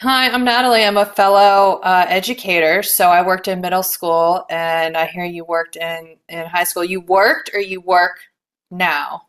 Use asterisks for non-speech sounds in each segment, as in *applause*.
Hi, I'm Natalie. I'm a fellow educator, so I worked in middle school, and I hear you worked in high school. You worked or you work now?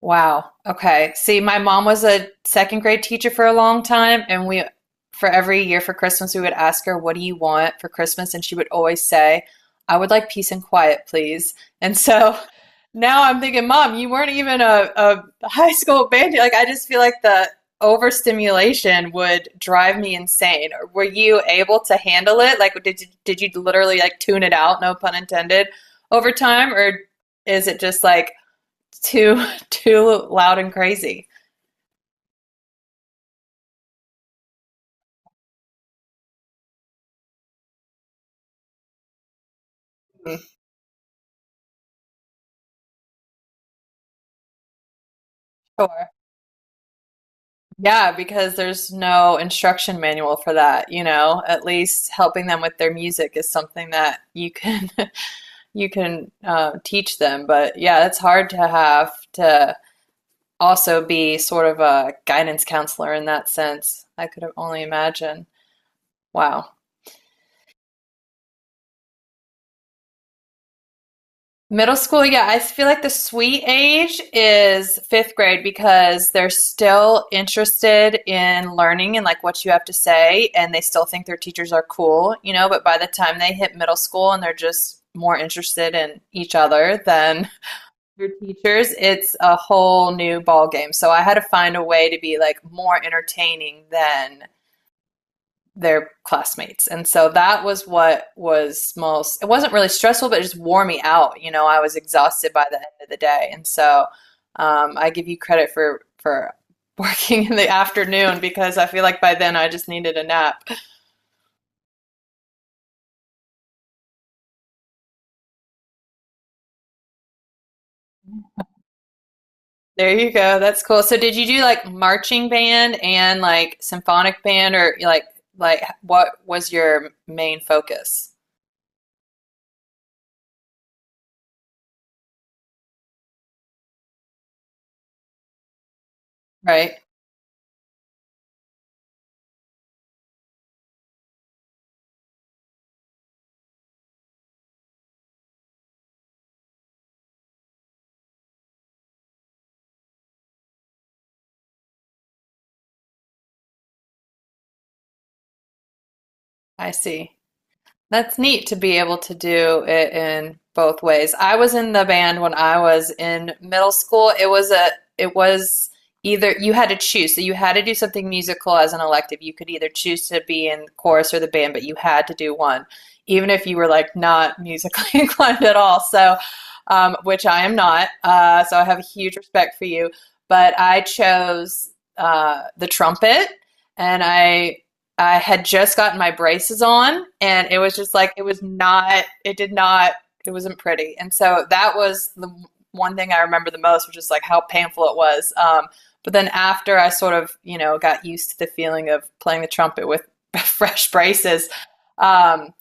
Wow. Okay. See, my mom was a second grade teacher for a long time, and for every year for Christmas, we would ask her, what do you want for Christmas? And she would always say, I would like peace and quiet, please. And so *laughs* now I'm thinking, Mom, you weren't even a high school band. Like, I just feel like the overstimulation would drive me insane. Were you able to handle it? Like, did you literally like tune it out, no pun intended, over time, or is it just like, too *laughs* too loud and crazy. Sure. Yeah, because there's no instruction manual for that. At least helping them with their music is something that you can *laughs* you can teach them. But yeah, it's hard to have to also be sort of a guidance counselor in that sense. I could only imagine. Wow. Middle school, yeah, I feel like the sweet age is fifth grade because they're still interested in learning and like what you have to say, and they still think their teachers are cool. But by the time they hit middle school and they're just more interested in each other than your teachers, it's a whole new ball game. So I had to find a way to be like more entertaining than their classmates. And so that was what was most, it wasn't really stressful, but it just wore me out. You know, I was exhausted by the end of the day. And so I give you credit for *laughs* working in the afternoon because I feel like by then I just needed a nap. There you go. That's cool. So did you do like marching band and like symphonic band or like what was your main focus? Right. I see. That's neat to be able to do it in both ways. I was in the band when I was in middle school. It was either you had to choose. So you had to do something musical as an elective. You could either choose to be in chorus or the band, but you had to do one, even if you were like not *laughs* musically inclined at all. So, which I am not. So I have a huge respect for you. But I chose the trumpet and I had just gotten my braces on, and it was just like it was not. It did not. It wasn't pretty, and so that was the one thing I remember the most, which is like how painful it was. But then after I got used to the feeling of playing the trumpet with *laughs* fresh braces, um,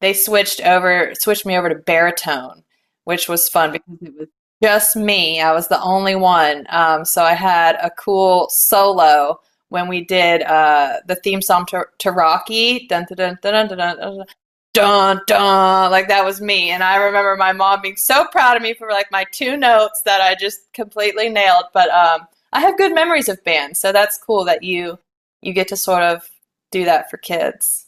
they switched me over to baritone, which was fun because it was just me. I was the only one. So I had a cool solo when we did the theme song to Rocky. Dun, dun, dun, dun, dun, dun, dun, dun. Like that was me, and I remember my mom being so proud of me for like my two notes that I just completely nailed. But I have good memories of bands, so that's cool that you get to sort of do that for kids.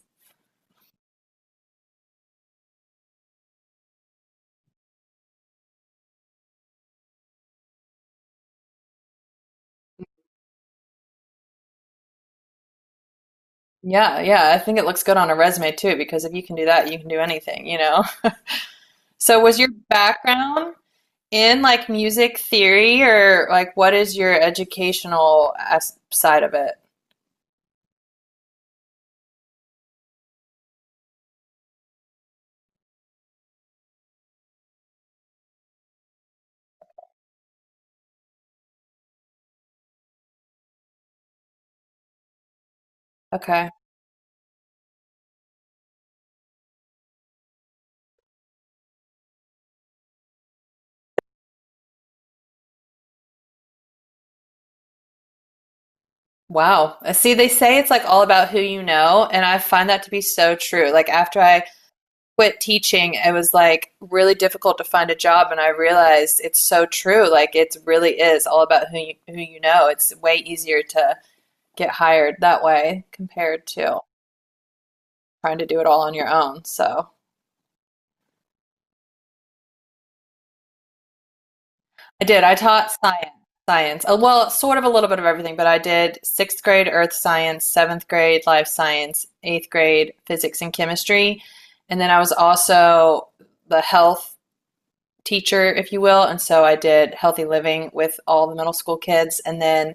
Yeah, yeah, I think it looks good on a resume too, because if you can do that, you can do anything, you know? *laughs* So, was your background in like music theory or like what is your educational as side of it? Okay. Wow. See, they say it's like all about who you know, and I find that to be so true. Like after I quit teaching, it was like really difficult to find a job, and I realized it's so true. Like it really is all about who you know. It's way easier to get hired that way compared to trying to do it all on your own. So I did. I taught science. Science. Well, sort of a little bit of everything, but I did sixth grade earth science, seventh grade life science, eighth grade physics and chemistry. And then I was also the health teacher, if you will. And so I did healthy living with all the middle school kids. And then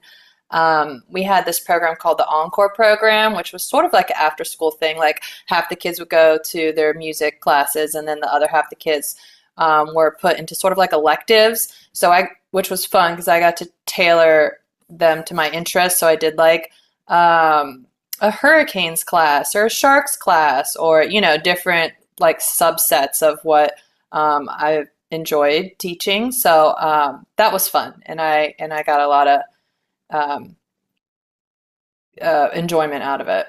we had this program called the Encore program, which was sort of like an after school thing. Like half the kids would go to their music classes, and then the other half the kids were put into sort of like electives. Which was fun because I got to tailor them to my interests. So I did like um, a hurricanes class or a sharks class, or you know different like subsets of what I enjoyed teaching. So that was fun, and I got a lot of um, enjoyment out of it,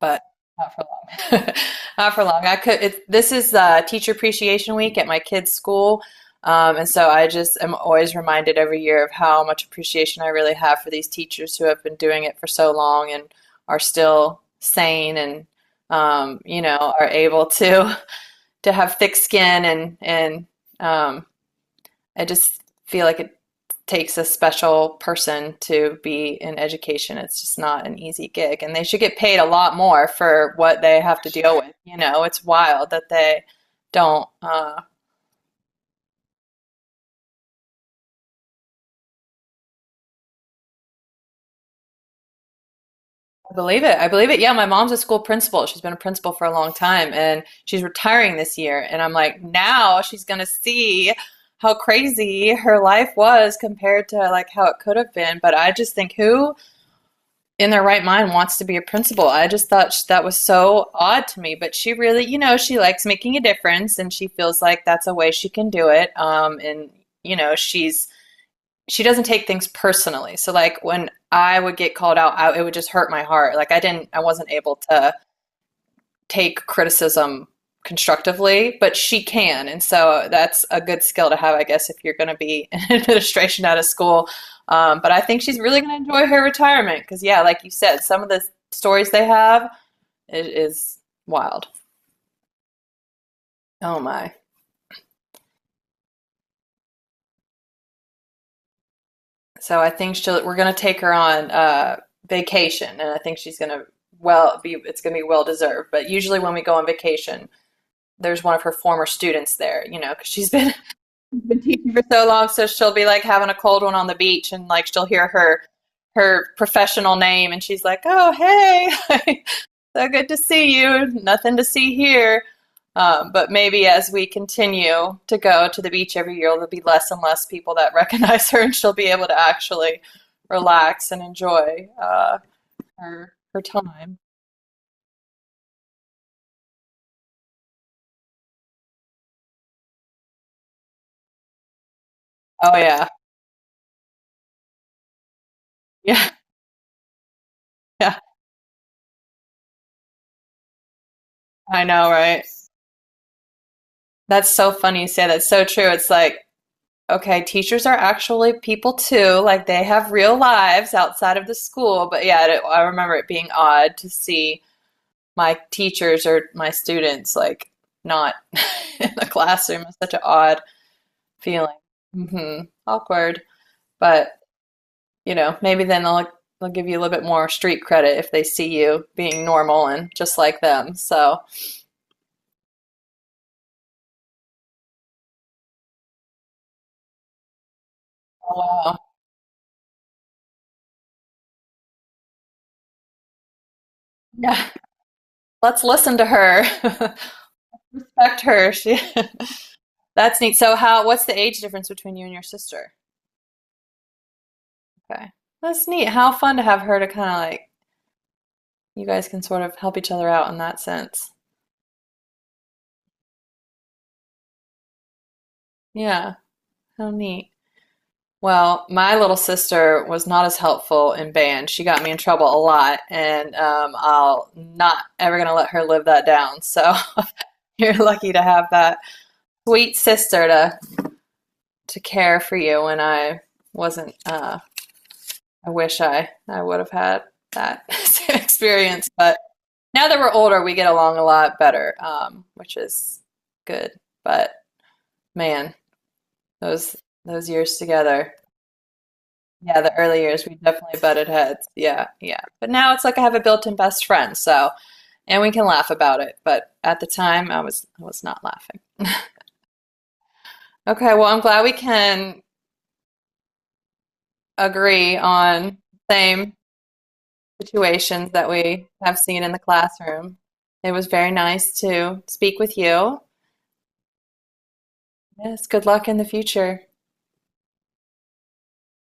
but not for long. *laughs* Not for long. I could. It, this is Teacher Appreciation Week at my kids' school. And so I just am always reminded every year of how much appreciation I really have for these teachers who have been doing it for so long and are still sane and you know are able to *laughs* to have thick skin and um, I just feel like it takes a special person to be in education. It's just not an easy gig, and they should get paid a lot more for what they have to deal with. You know, it's wild that they don't. I believe it. I believe it. Yeah, my mom's a school principal. She's been a principal for a long time, and she's retiring this year. And I'm like, now she's gonna see how crazy her life was compared to like how it could have been. But I just think who in their right mind wants to be a principal. I just thought that was so odd to me, but she really, you know, she likes making a difference and she feels like that's a way she can do it. And you know, she doesn't take things personally. So like when I would get called out, it would just hurt my heart. I wasn't able to take criticism constructively, but she can. And so that's a good skill to have, I guess, if you're going to be *laughs* in administration out of school. But I think she's really going to enjoy her retirement because, yeah, like you said, some of the stories they have is wild. Oh my! So I think she'll. We're going to take her on vacation, and I think she's going to well be. It's going to be well deserved. But usually when we go on vacation, there's one of her former students there, you know, because she's *laughs* been she's been teaching for so long, so she'll be like having a cold one on the beach, and like she'll hear her professional name, and she's like, "Oh, hey, *laughs* so good to see you. Nothing to see here." But maybe as we continue to go to the beach every year, there'll be less and less people that *laughs* recognize her, and she'll be able to actually relax and enjoy her time. Oh yeah, *laughs* yeah, yeah. I know, right? That's so funny you say that. It's so true. It's like okay, teachers are actually people too. Like they have real lives outside of the school. But yeah, I remember it being odd to see my teachers or my students like not *laughs* in the classroom. It's such an odd feeling. Hmm. Awkward. But you know, maybe then they'll give you a little bit more street credit if they see you being normal and just like them. So, oh, wow. Yeah, let's listen to her. *laughs* Respect her. She *laughs* That's neat. So how what's the age difference between you and your sister? Okay. That's neat. How fun to have her to kind of like you guys can sort of help each other out in that sense. Yeah, how neat. Well, my little sister was not as helpful in band. She got me in trouble a lot, and I'll not ever gonna let her live that down. So *laughs* you're lucky to have that sweet sister to care for you when I wasn't. I wish I would have had that *laughs* same experience, but now that we're older, we get along a lot better, which is good. But man, those those years together, yeah, the early years, we definitely butted heads. Yeah, yeah. But now it's like I have a built-in best friend, so and we can laugh about it. But at the time, I was not laughing. Okay, well, I'm glad we can agree on the same situations that we have seen in the classroom. It was very nice to speak with you. Yes, good luck in the future.